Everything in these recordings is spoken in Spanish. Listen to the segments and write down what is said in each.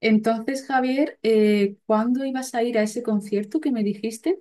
Entonces, Javier, ¿cuándo ibas a ir a ese concierto que me dijiste?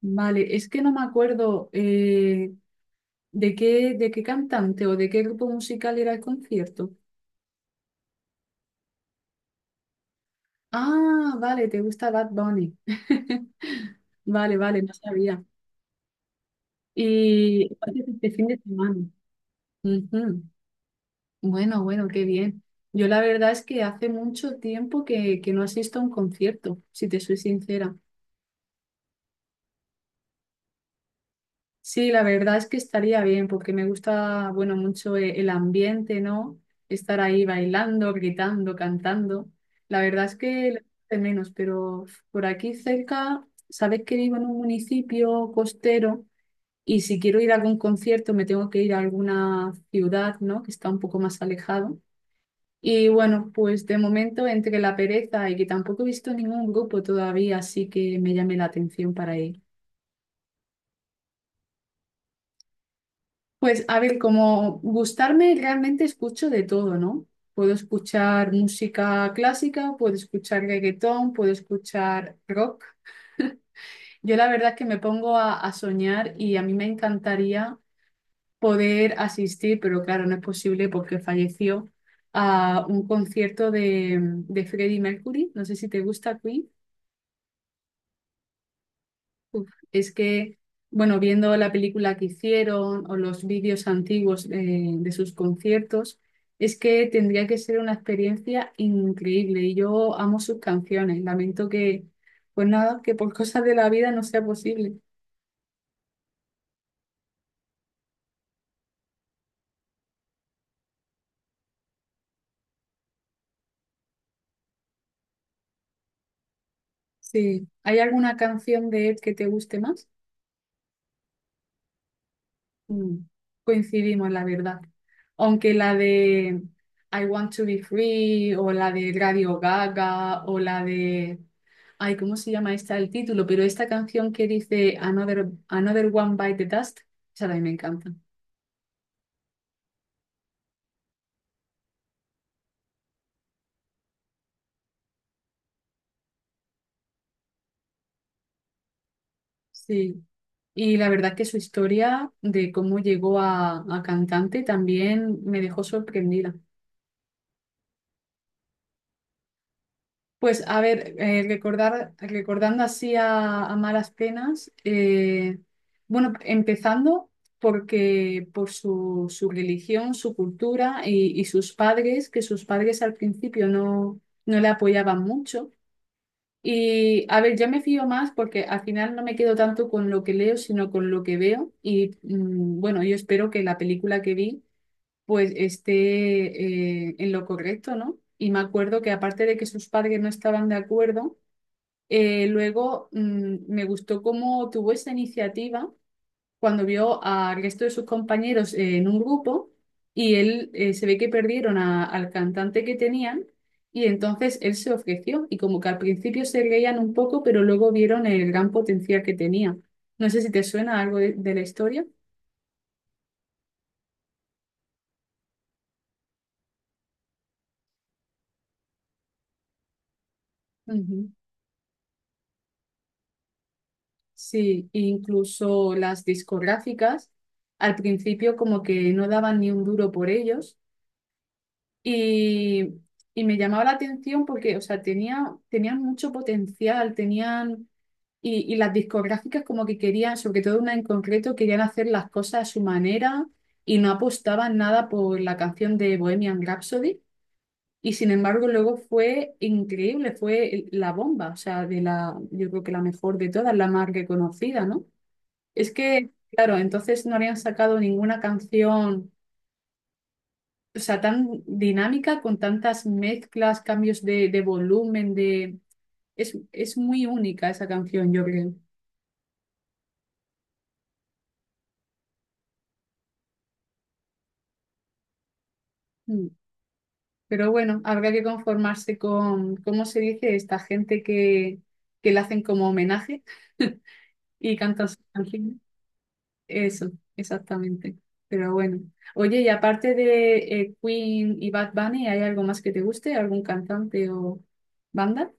Vale, es que no me acuerdo de qué cantante o de qué grupo musical era el concierto. Ah, vale, te gusta Bad Bunny. Vale, vale, no sabía. Y aparte de este fin de semana. Ujú. Bueno, bueno, qué bien. Yo la verdad es que hace mucho tiempo que no asisto a un concierto, si te soy sincera. Sí, la verdad es que estaría bien porque me gusta, bueno, mucho el ambiente, ¿no? Estar ahí bailando, gritando, cantando. La verdad es que lo echo de menos, pero por aquí cerca, sabes que vivo en un municipio costero y si quiero ir a algún concierto me tengo que ir a alguna ciudad, ¿no? Que está un poco más alejado. Y bueno, pues de momento entre la pereza y que tampoco he visto ningún grupo todavía, así que me llame la atención para ir. Pues a ver, como gustarme realmente escucho de todo, ¿no? Puedo escuchar música clásica, puedo escuchar reggaetón, puedo escuchar rock. Yo la verdad es que me pongo a soñar y a mí me encantaría poder asistir, pero claro, no es posible porque falleció. A un concierto de Freddie Mercury. No sé si te gusta Queen. Uf, es que, bueno, viendo la película que hicieron o los vídeos antiguos de sus conciertos, es que tendría que ser una experiencia increíble y yo amo sus canciones. Lamento que, pues nada, que por cosas de la vida no sea posible. Sí. ¿Hay alguna canción de Ed que te guste más? Mm, coincidimos, la verdad. Aunque la de I Want to be free o la de Radio Gaga o la de... Ay, ¿cómo se llama esta el título? Pero esta canción que dice Another One Bite the Dust, esa también me encanta. Sí. Y la verdad que su historia de cómo llegó a cantante también me dejó sorprendida. Pues a ver, recordando así a malas penas, bueno, empezando porque por su religión, su cultura y sus padres, que sus padres al principio no le apoyaban mucho. Y a ver, yo me fío más porque al final no me quedo tanto con lo que leo, sino con lo que veo. Y mm, bueno, yo espero que la película que vi pues esté en lo correcto, ¿no? Y me acuerdo que aparte de que sus padres no estaban de acuerdo, luego me gustó cómo tuvo esa iniciativa cuando vio al resto de sus compañeros en un grupo y él se ve que perdieron al cantante que tenían y entonces él se ofreció y como que al principio se reían un poco, pero luego vieron el gran potencial que tenía. No sé si te suena algo de la historia. Ujú. Sí, incluso las discográficas al principio como que no daban ni un duro por ellos y, y me llamaba la atención porque, o sea, tenían mucho potencial, tenían... Y las discográficas como que querían, sobre todo una en concreto, querían hacer las cosas a su manera y no apostaban nada por la canción de Bohemian Rhapsody. Y sin embargo luego fue increíble, fue la bomba, o sea, de la, yo creo que la mejor de todas, la más reconocida, ¿no? Es que, claro, entonces no habrían sacado ninguna canción, o sea, tan dinámica, con tantas mezclas, cambios de volumen, de... Es muy única esa canción, yo creo. Mm. Pero bueno, habrá que conformarse con, ¿cómo se dice? Esta gente que le hacen como homenaje y cantan sus canciones. Eso, exactamente. Pero bueno. Oye, y aparte de Queen y Bad Bunny, ¿hay algo más que te guste? ¿Algún cantante o banda?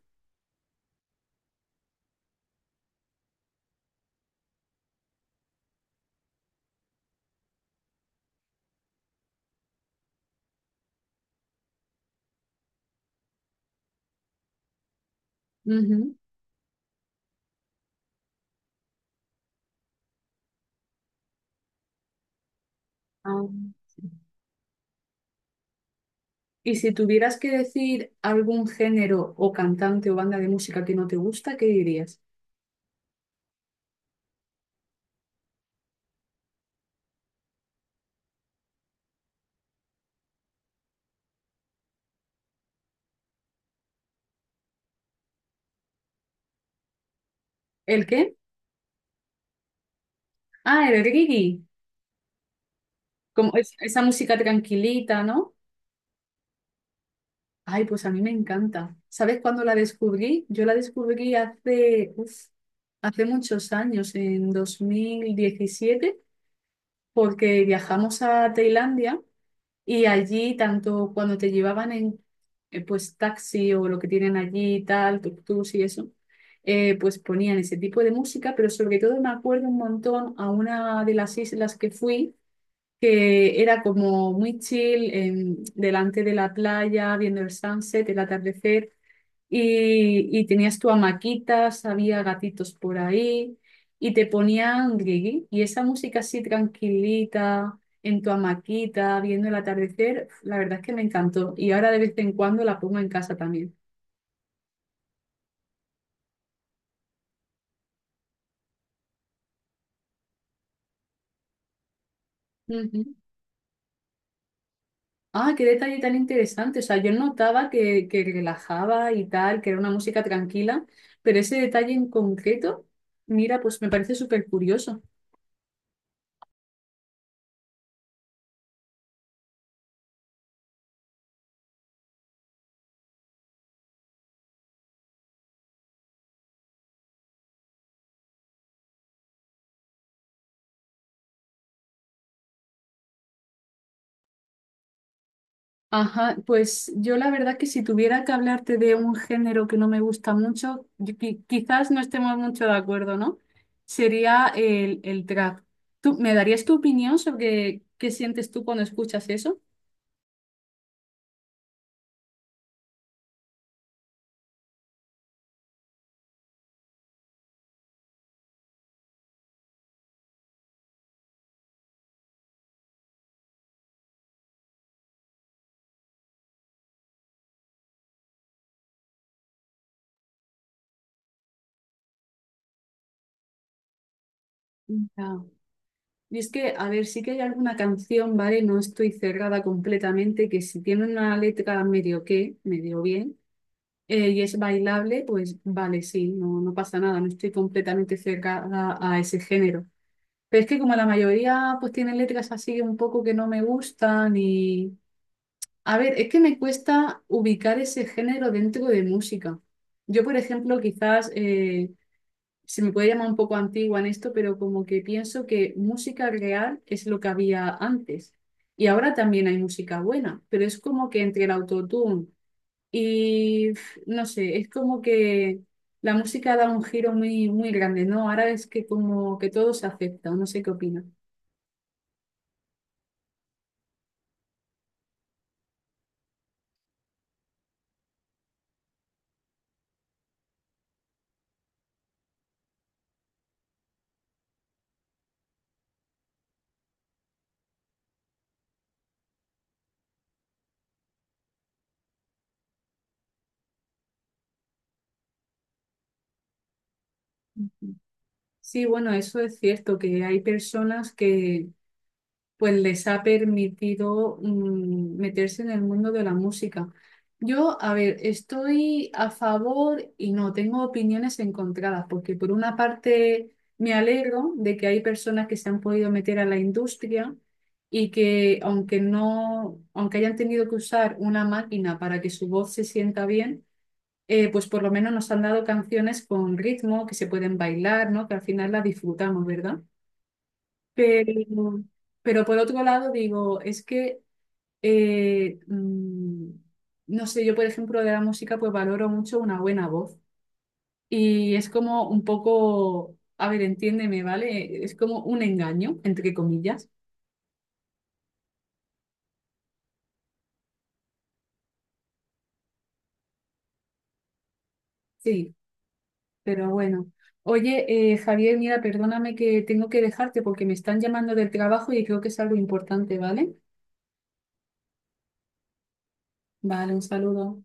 Ujú. Ah, sí. Y si tuvieras que decir algún género o cantante o banda de música que no te gusta, ¿qué dirías? ¿El qué? Ah, el reggae. Como esa música tranquilita, ¿no? Ay, pues a mí me encanta. ¿Sabes cuándo la descubrí? Yo la descubrí hace, uf, hace muchos años, en 2017 porque viajamos a Tailandia. Y allí, tanto cuando te llevaban en pues taxi o lo que tienen allí, y tal, tuk-tuks y eso, pues ponían ese tipo de música, pero sobre todo me acuerdo un montón a una de las islas que fui que era como muy chill, delante de la playa, viendo el sunset, el atardecer, y tenías tu hamaquitas, había gatitos por ahí, y te ponían reggae, y esa música así tranquilita, en tu hamaquita, viendo el atardecer, la verdad es que me encantó, y ahora de vez en cuando la pongo en casa también. Ah, qué detalle tan interesante. O sea, yo notaba que relajaba y tal, que era una música tranquila, pero ese detalle en concreto, mira, pues me parece súper curioso. Ajá, pues yo la verdad que si tuviera que hablarte de un género que no me gusta mucho, yo quizás no estemos mucho de acuerdo, ¿no? Sería el trap. ¿Tú me darías tu opinión sobre qué sientes tú cuando escuchas eso? Ya. Y es que, a ver, sí que hay alguna canción, ¿vale? No estoy cerrada completamente, que si tiene una letra medio bien, y es bailable, pues vale, sí, no, no pasa nada, no estoy completamente cerrada a ese género. Pero es que como la mayoría, pues tienen letras así un poco que no me gustan y... A ver, es que me cuesta ubicar ese género dentro de música. Yo, por ejemplo, quizás... se me puede llamar un poco antigua en esto, pero como que pienso que música real es lo que había antes. Y ahora también hay música buena, pero es como que entre el autotune y pf, no sé, es como que la música da un giro muy, muy grande, ¿no? Ahora es que como que todo se acepta, no sé qué opina. Ujú. Sí, bueno, eso es cierto, que hay personas que pues les ha permitido meterse en el mundo de la música. Yo, a ver, estoy a favor y no, tengo opiniones encontradas, porque por una parte me alegro de que hay personas que se han podido meter a la industria y que aunque no, aunque hayan tenido que usar una máquina para que su voz se sienta bien, pues por lo menos nos han dado canciones con ritmo, que se pueden bailar, ¿no? Que al final las disfrutamos, ¿verdad? Pero, pero por otro lado digo, es que, eh, mm, no sé, yo por ejemplo de la música pues valoro mucho una buena voz y es como un poco, a ver, entiéndeme, ¿vale? Es como un engaño, entre comillas. Sí, pero bueno. Oye, Javier, mira, perdóname que tengo que dejarte porque me están llamando del trabajo y creo que es algo importante, ¿vale? Vale, un saludo.